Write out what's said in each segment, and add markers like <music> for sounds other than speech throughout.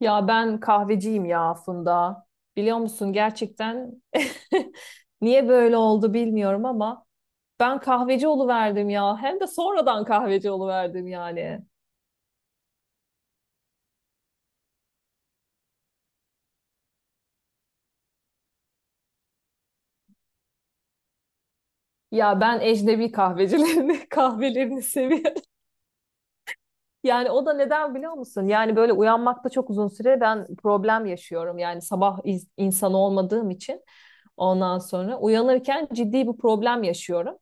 Ya ben kahveciyim ya aslında. Biliyor musun, gerçekten <laughs> niye böyle oldu bilmiyorum ama ben kahveci oluverdim ya. Hem de sonradan kahveci oluverdim yani. Ya ben ecnebi kahvecilerini, <laughs> kahvelerini seviyorum. Yani o da neden biliyor musun? Yani böyle uyanmakta çok uzun süre ben problem yaşıyorum. Yani insanı olmadığım için ondan sonra uyanırken ciddi bir problem yaşıyorum.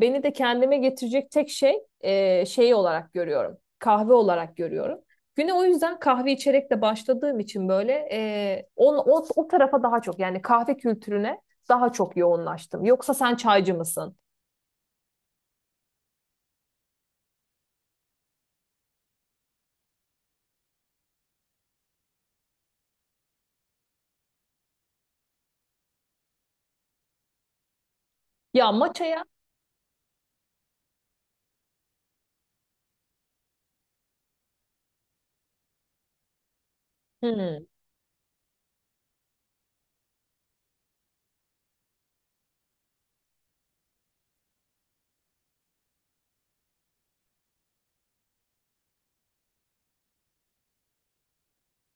Beni de kendime getirecek tek şey olarak görüyorum. Kahve olarak görüyorum. Güne o yüzden kahve içerek de başladığım için böyle o tarafa daha çok, yani kahve kültürüne daha çok yoğunlaştım. Yoksa sen çaycı mısın? Ya matcha'ya hmm,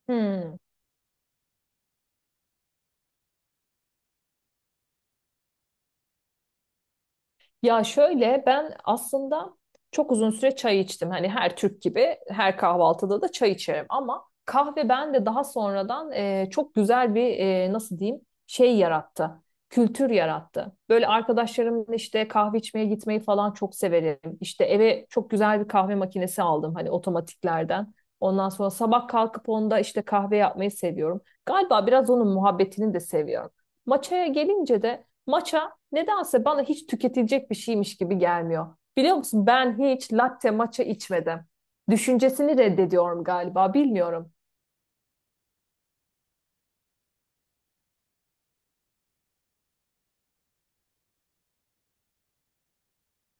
hmm. Ya şöyle, ben aslında çok uzun süre çay içtim. Hani her Türk gibi her kahvaltıda da çay içerim ama kahve bende daha sonradan çok güzel bir nasıl diyeyim, şey yarattı. Kültür yarattı. Böyle arkadaşlarımla işte kahve içmeye gitmeyi falan çok severim. İşte eve çok güzel bir kahve makinesi aldım, hani otomatiklerden. Ondan sonra sabah kalkıp onda işte kahve yapmayı seviyorum. Galiba biraz onun muhabbetini de seviyorum. Maçaya gelince de matcha nedense bana hiç tüketilecek bir şeymiş gibi gelmiyor. Biliyor musun, ben hiç latte matcha içmedim. Düşüncesini reddediyorum galiba, bilmiyorum.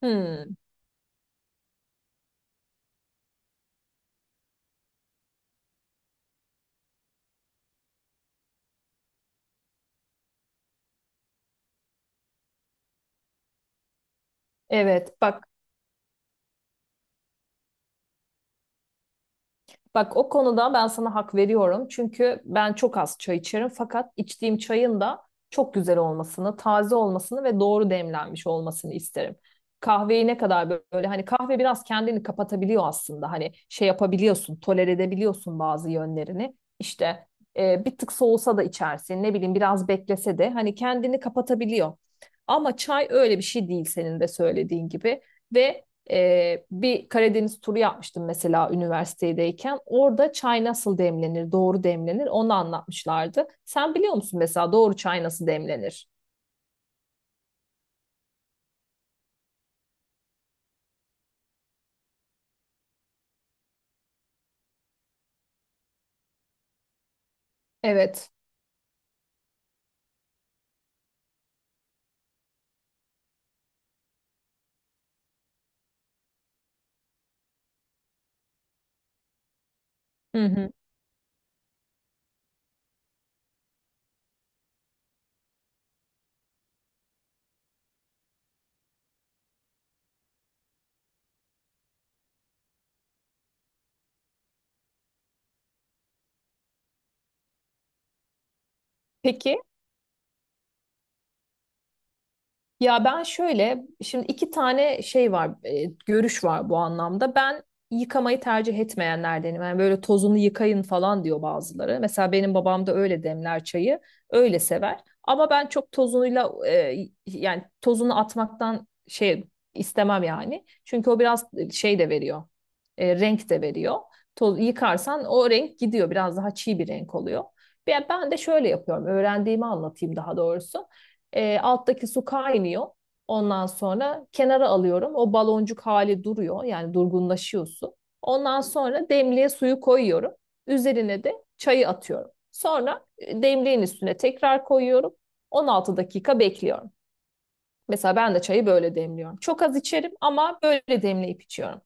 Hmm, evet, bak, bak, o konuda ben sana hak veriyorum. Çünkü ben çok az çay içerim. Fakat içtiğim çayın da çok güzel olmasını, taze olmasını ve doğru demlenmiş olmasını isterim. Kahveyi ne kadar böyle, hani kahve biraz kendini kapatabiliyor aslında. Hani şey yapabiliyorsun, tolere edebiliyorsun bazı yönlerini. İşte bir tık soğusa da içersin, ne bileyim, biraz beklese de hani kendini kapatabiliyor. Ama çay öyle bir şey değil, senin de söylediğin gibi ve bir Karadeniz turu yapmıştım mesela üniversitedeyken. Orada çay nasıl demlenir, doğru demlenir onu anlatmışlardı. Sen biliyor musun mesela doğru çay nasıl demlenir? Evet. Hı hı. Peki. Ya ben şöyle, şimdi iki tane şey var, görüş var bu anlamda. Ben yıkamayı tercih etmeyenlerdenim. Yani böyle tozunu yıkayın falan diyor bazıları. Mesela benim babam da öyle demler çayı, öyle sever. Ama ben çok tozunuyla, yani tozunu atmaktan şey istemem yani. Çünkü o biraz şey de veriyor, renk de veriyor. Toz, yıkarsan o renk gidiyor, biraz daha çiğ bir renk oluyor. Ben de şöyle yapıyorum, öğrendiğimi anlatayım daha doğrusu. Alttaki su kaynıyor. Ondan sonra kenara alıyorum. O baloncuk hali duruyor. Yani durgunlaşıyor su. Ondan sonra demliğe suyu koyuyorum. Üzerine de çayı atıyorum. Sonra demliğin üstüne tekrar koyuyorum. 16 dakika bekliyorum. Mesela ben de çayı böyle demliyorum. Çok az içerim ama böyle demleyip içiyorum.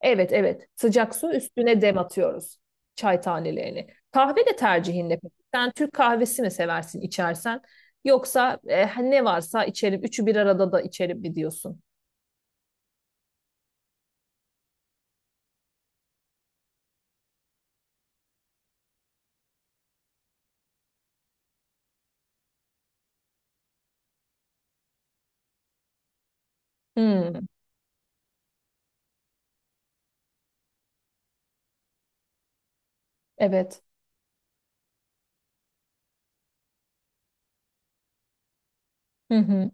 Evet, evet. Sıcak su üstüne dem atıyoruz. Çay tanelerini. Kahve de tercihin ne peki? Sen Türk kahvesi mi seversin, içersen? Yoksa ne varsa içerim. Üçü bir arada da içerim mi diyorsun? Hmm, evet. Hı hı.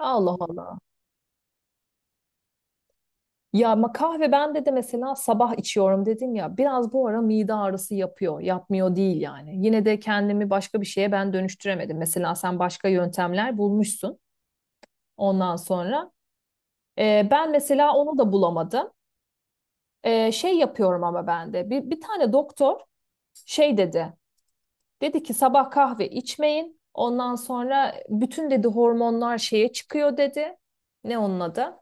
Allah Allah. Ya ama kahve bende de mesela sabah içiyorum dedim ya. Biraz bu ara mide ağrısı yapıyor. Yapmıyor değil yani. Yine de kendimi başka bir şeye ben dönüştüremedim. Mesela sen başka yöntemler bulmuşsun ondan sonra. Ben mesela onu da bulamadım. Şey yapıyorum ama ben de. Bir tane doktor şey dedi. Dedi ki sabah kahve içmeyin. Ondan sonra bütün, dedi, hormonlar şeye çıkıyor, dedi. Ne onun adı?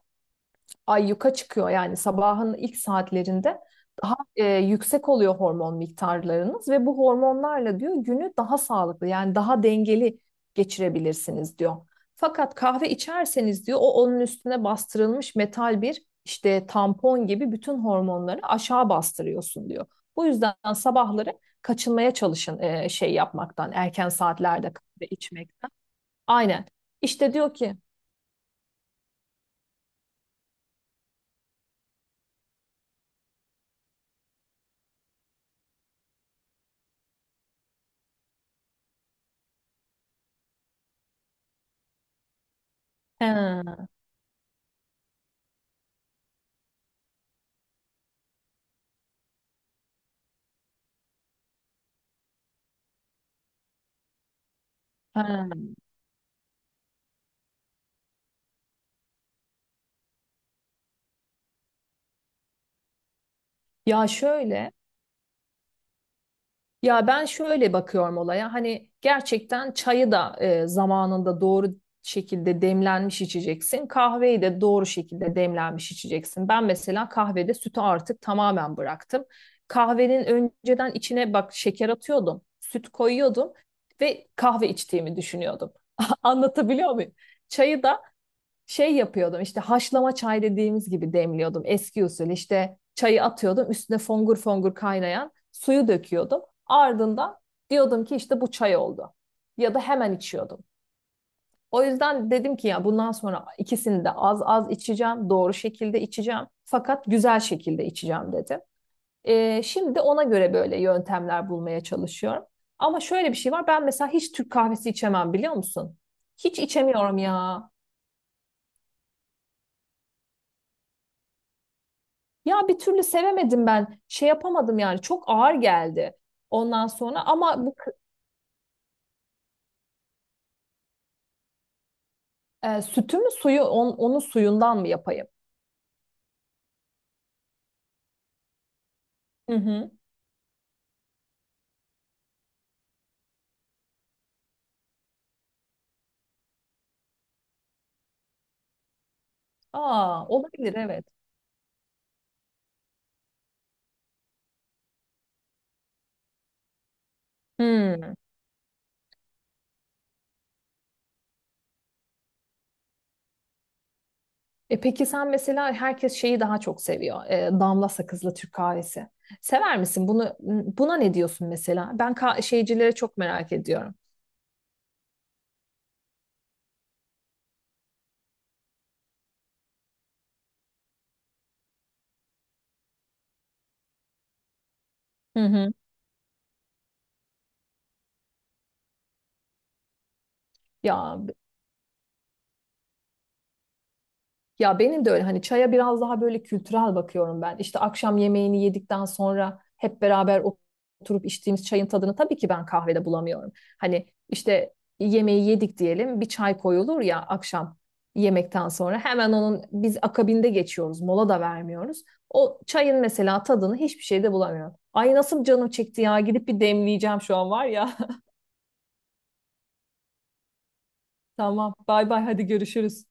Ay yuka çıkıyor, yani sabahın ilk saatlerinde daha yüksek oluyor hormon miktarlarınız ve bu hormonlarla, diyor, günü daha sağlıklı, yani daha dengeli geçirebilirsiniz diyor. Fakat kahve içerseniz, diyor, o onun üstüne bastırılmış metal bir işte tampon gibi bütün hormonları aşağı bastırıyorsun diyor. Bu yüzden sabahları kaçınmaya çalışın şey yapmaktan, erken saatlerde kahve içmekten. Aynen. İşte diyor ki he, he. Ya şöyle Ya ben şöyle bakıyorum olaya, hani gerçekten çayı da zamanında doğru şekilde demlenmiş içeceksin. Kahveyi de doğru şekilde demlenmiş içeceksin. Ben mesela kahvede sütü artık tamamen bıraktım. Kahvenin önceden içine bak şeker atıyordum, süt koyuyordum ve kahve içtiğimi düşünüyordum. <laughs> Anlatabiliyor muyum? Çayı da şey yapıyordum, işte haşlama çay dediğimiz gibi demliyordum eski usul, işte çayı atıyordum, üstüne fongur fongur kaynayan suyu döküyordum, ardından diyordum ki işte bu çay oldu ya da hemen içiyordum. O yüzden dedim ki ya bundan sonra ikisini de az az içeceğim, doğru şekilde içeceğim fakat güzel şekilde içeceğim dedim. Şimdi ona göre böyle yöntemler bulmaya çalışıyorum. Ama şöyle bir şey var, ben mesela hiç Türk kahvesi içemem biliyor musun? Hiç içemiyorum ya. Ya bir türlü sevemedim ben. Şey yapamadım yani, çok ağır geldi. Ondan sonra ama sütü mü, onun suyundan mı yapayım? Hı hı. Aa, olabilir, evet. Hmm. E peki sen mesela, herkes şeyi daha çok seviyor. E, damla sakızlı Türk kahvesi. Sever misin bunu? Buna ne diyorsun mesela? Şeycilere çok merak ediyorum. Hı hı. Ya Ya benim de öyle, hani çaya biraz daha böyle kültürel bakıyorum ben. İşte akşam yemeğini yedikten sonra hep beraber oturup içtiğimiz çayın tadını tabii ki ben kahvede bulamıyorum. Hani işte yemeği yedik diyelim, bir çay koyulur ya akşam, yemekten sonra hemen onun biz akabinde geçiyoruz, mola da vermiyoruz. O çayın mesela tadını hiçbir şeyde bulamıyorum. Ay nasıl canım çekti ya, gidip bir demleyeceğim şu an var ya. <laughs> Tamam, bay bay, hadi görüşürüz.